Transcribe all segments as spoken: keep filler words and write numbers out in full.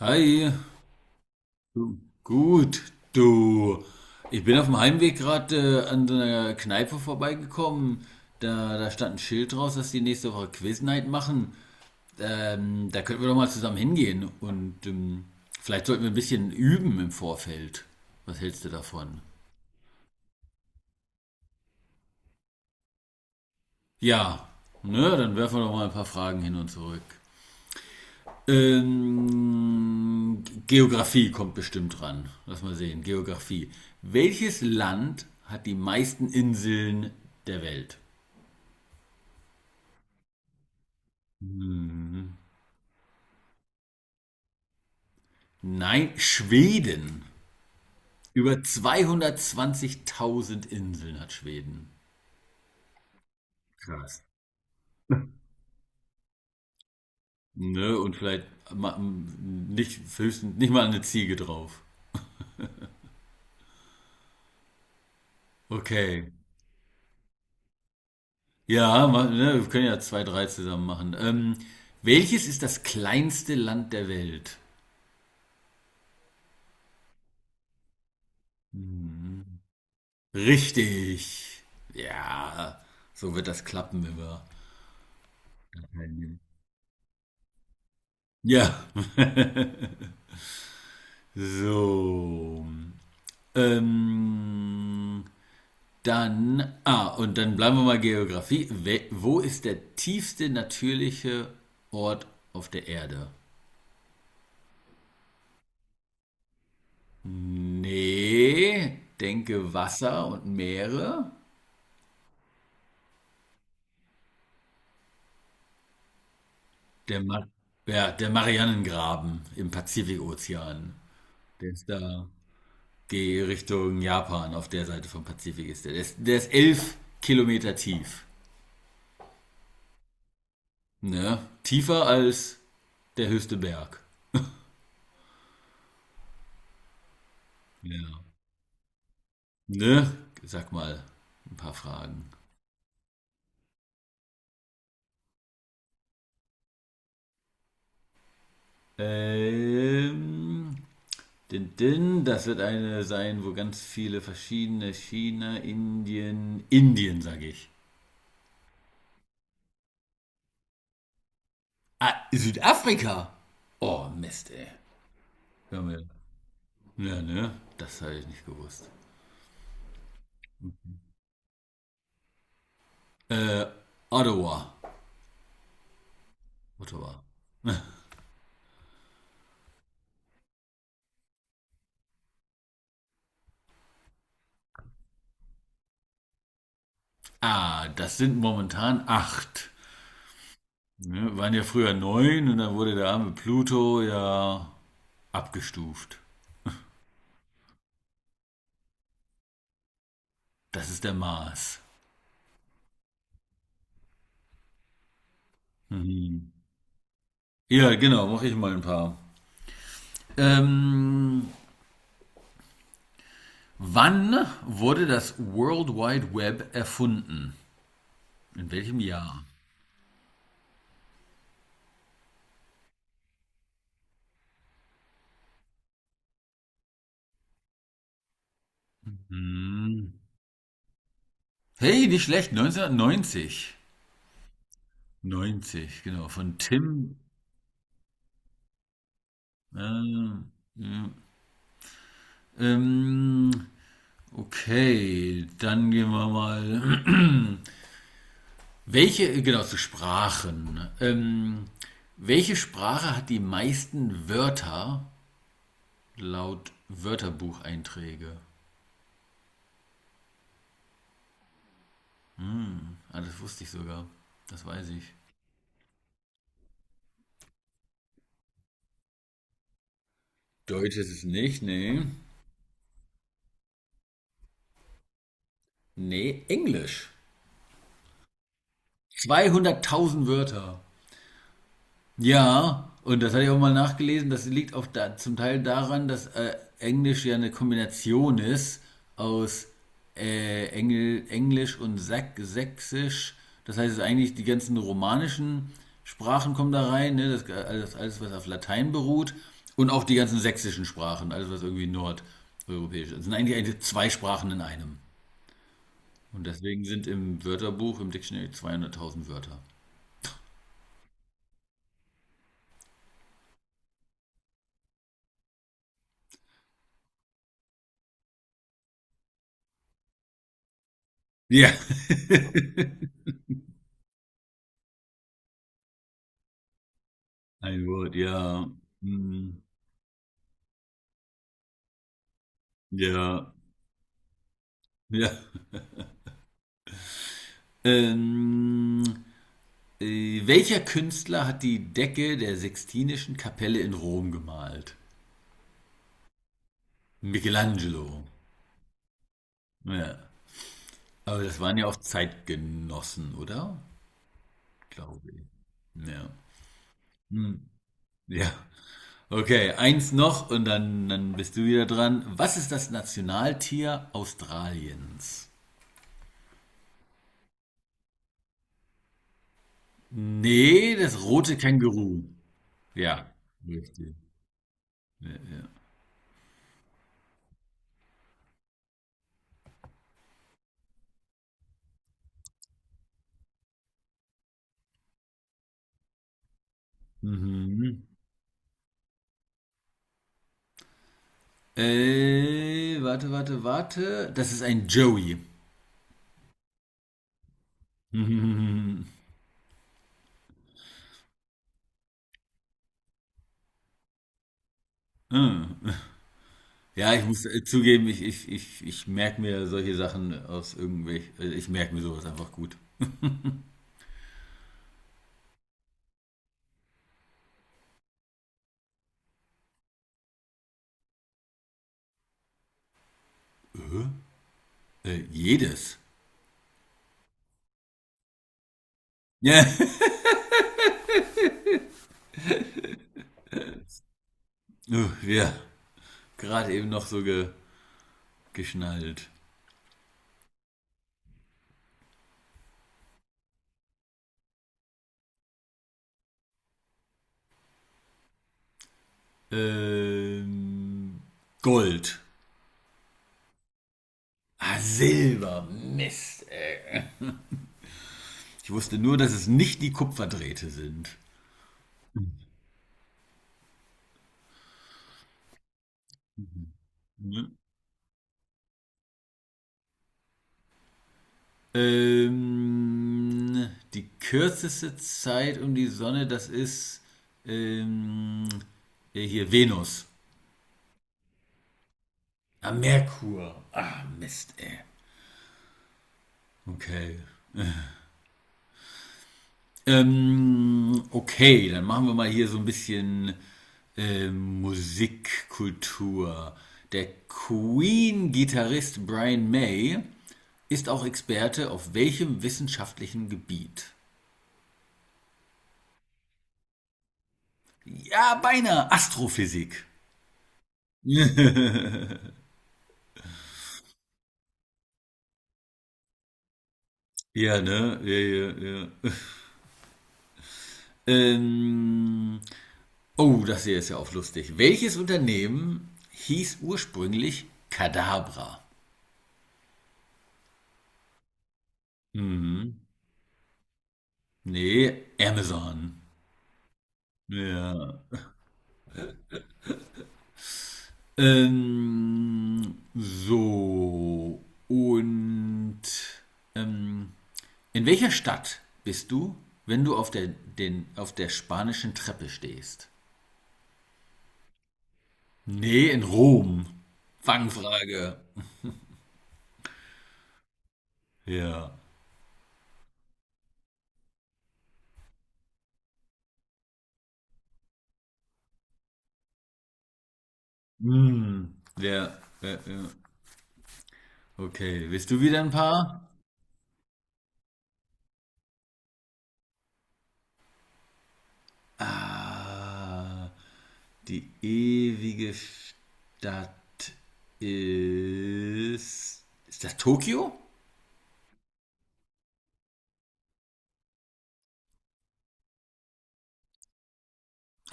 Hi, du- gut, du. Ich bin auf dem Heimweg gerade äh, an so einer Kneipe vorbeigekommen. Da, da stand ein Schild draus, dass die nächste Woche Quiz machen. Ähm, da könnten wir doch mal zusammen hingehen und ähm, vielleicht sollten wir ein bisschen üben im Vorfeld. Was hältst du davon? Ja, ne, dann werfen wir doch mal ein paar Fragen hin und zurück. Ähm, Geografie kommt bestimmt ran. Lass mal sehen. Geografie. Welches Land hat die meisten Inseln der Welt? Nein, Schweden. Über zweihundertzwanzigtausend Inseln hat Schweden. Krass. Ne, und vielleicht ma- m- nicht, höchstens nicht mal eine Ziege drauf. Okay. Ja, ma- ne, wir können ja zwei, drei zusammen machen. Ähm, welches ist das kleinste Land der Welt? Hm. Richtig. Ja, so wird das klappen, wenn wir teilnehmen. Ja. So. Ähm, dann, ah, und dann bleiben wir mal Geografie. We- Wo ist der tiefste natürliche Ort auf der Erde? Nee, denke Wasser und Meere. Der, Ma Ja, der Marianengraben im Pazifikozean. Der ist da. Die Richtung Japan auf der Seite vom Pazifik ist. Der, der ist, der ist elf Kilometer tief. Ne? Tiefer als der höchste Berg. Ja. Ne? Sag mal ein paar Fragen. Ähm, din, din, das wird eine sein, wo ganz viele verschiedene. China, Indien, Indien, sag ich. Ah, Südafrika? Oh, Mist, ey. Hör mal. Ja, ne? Das habe ich nicht gewusst. Äh, Ottawa. Ottawa. Ah, das sind momentan acht. Ne? Waren ja früher neun, und dann wurde der arme Pluto ja abgestuft. Das ist der Mars. Mhm. Ja, genau, mache ich mal ein paar. Ähm, wann wurde das World Wide Web erfunden? In welchem Jahr? Hm. Hey, nicht schlecht, Neunzehnhundertneunzig. Neunzig genau, von Tim. Ähm, ja. ähm, Okay, dann gehen wir mal. welche, genau, zu Sprachen. Ähm, welche Sprache hat die meisten Wörter laut Wörterbucheinträge? Ah, das wusste ich sogar. Das weiß ich. Deutsch ist es nicht, nee. Nee, Englisch. Zweihunderttausend Wörter. Ja, und das hatte ich auch mal nachgelesen, das liegt auch da, zum Teil daran, dass äh, Englisch ja eine Kombination ist aus äh, Engl Englisch und Sach Sächsisch. Das heißt, es ist eigentlich die ganzen romanischen Sprachen kommen da rein, ne? Das, alles, alles, was auf Latein beruht und auch die ganzen sächsischen Sprachen, alles, was irgendwie nordeuropäisch ist. Das sind eigentlich, eigentlich zwei Sprachen in einem. Und deswegen sind im Wörterbuch, im Dictionary zweihunderttausend Wörter. Ja. Ein Wort, ja. Hm, ja. Ja. Ähm, äh, Welcher Künstler hat die Decke der Sixtinischen Kapelle in Rom gemalt? Michelangelo. Ja. Aber das waren ja auch Zeitgenossen, oder? Glaube ich. Ja. Hm. Ja. Okay, eins noch und dann, dann bist du wieder dran. Was ist das Nationaltier Australiens? Nee, das rote Känguru. Ja, richtig. Mhm. Äh, warte, warte, warte. Das ist ein Joey. Mhm. Ah. Ja, ich muss äh, zugeben, ich, ich, ich, ich merke mir solche Sachen aus irgendwelch. Äh, Ich merke mir sowas einfach gut. Äh, äh, jedes. Ja. Uh, ja. Gerade eben noch so ge, geschnallt. Ähm, Gold. Ah, Silber. Mist, ey. Ich wusste nur, dass es nicht die Kupferdrähte sind. Ne? Ähm, die kürzeste Zeit um die Sonne, das ist ähm, äh, hier Venus. Ah, Merkur. Ah, Mist, ey. Okay. Ähm, okay, dann machen wir mal hier so ein bisschen ähm, Musikkultur. Der Queen-Gitarrist Brian May ist auch Experte auf welchem wissenschaftlichen Gebiet? Ja, beinahe Astrophysik. Ja, ne? Ja, ja, ja. Ähm, oh, das hier ist ja auch lustig. Welches Unternehmen hieß ursprünglich Kadabra? Mhm. Nee, Amazon. Ja. Ähm, so. Und ähm, in welcher Stadt bist du, wenn du auf der, den, auf der spanischen Treppe stehst? Nee, in Rom. Fangfrage. Ja. Hm, ja, ja, ja. Okay, willst du wieder ein paar? Ah, die ewige Stadt ist. Ist das Tokio?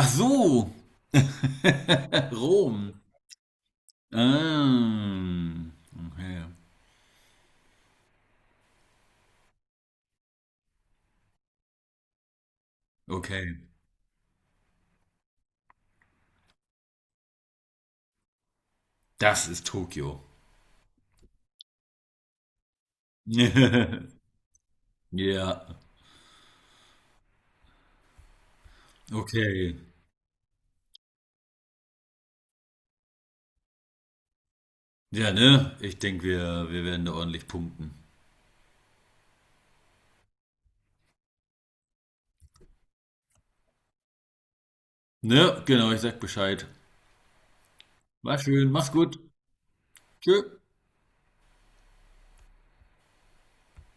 Ach so, Rom. Ähm, okay. Okay, das ist Tokio. Ja, okay. Ja, ne? Ich denke, wir, wir werden da ordentlich punkten. Ne? Genau, ich sag Bescheid. War schön, mach's gut. Tschö.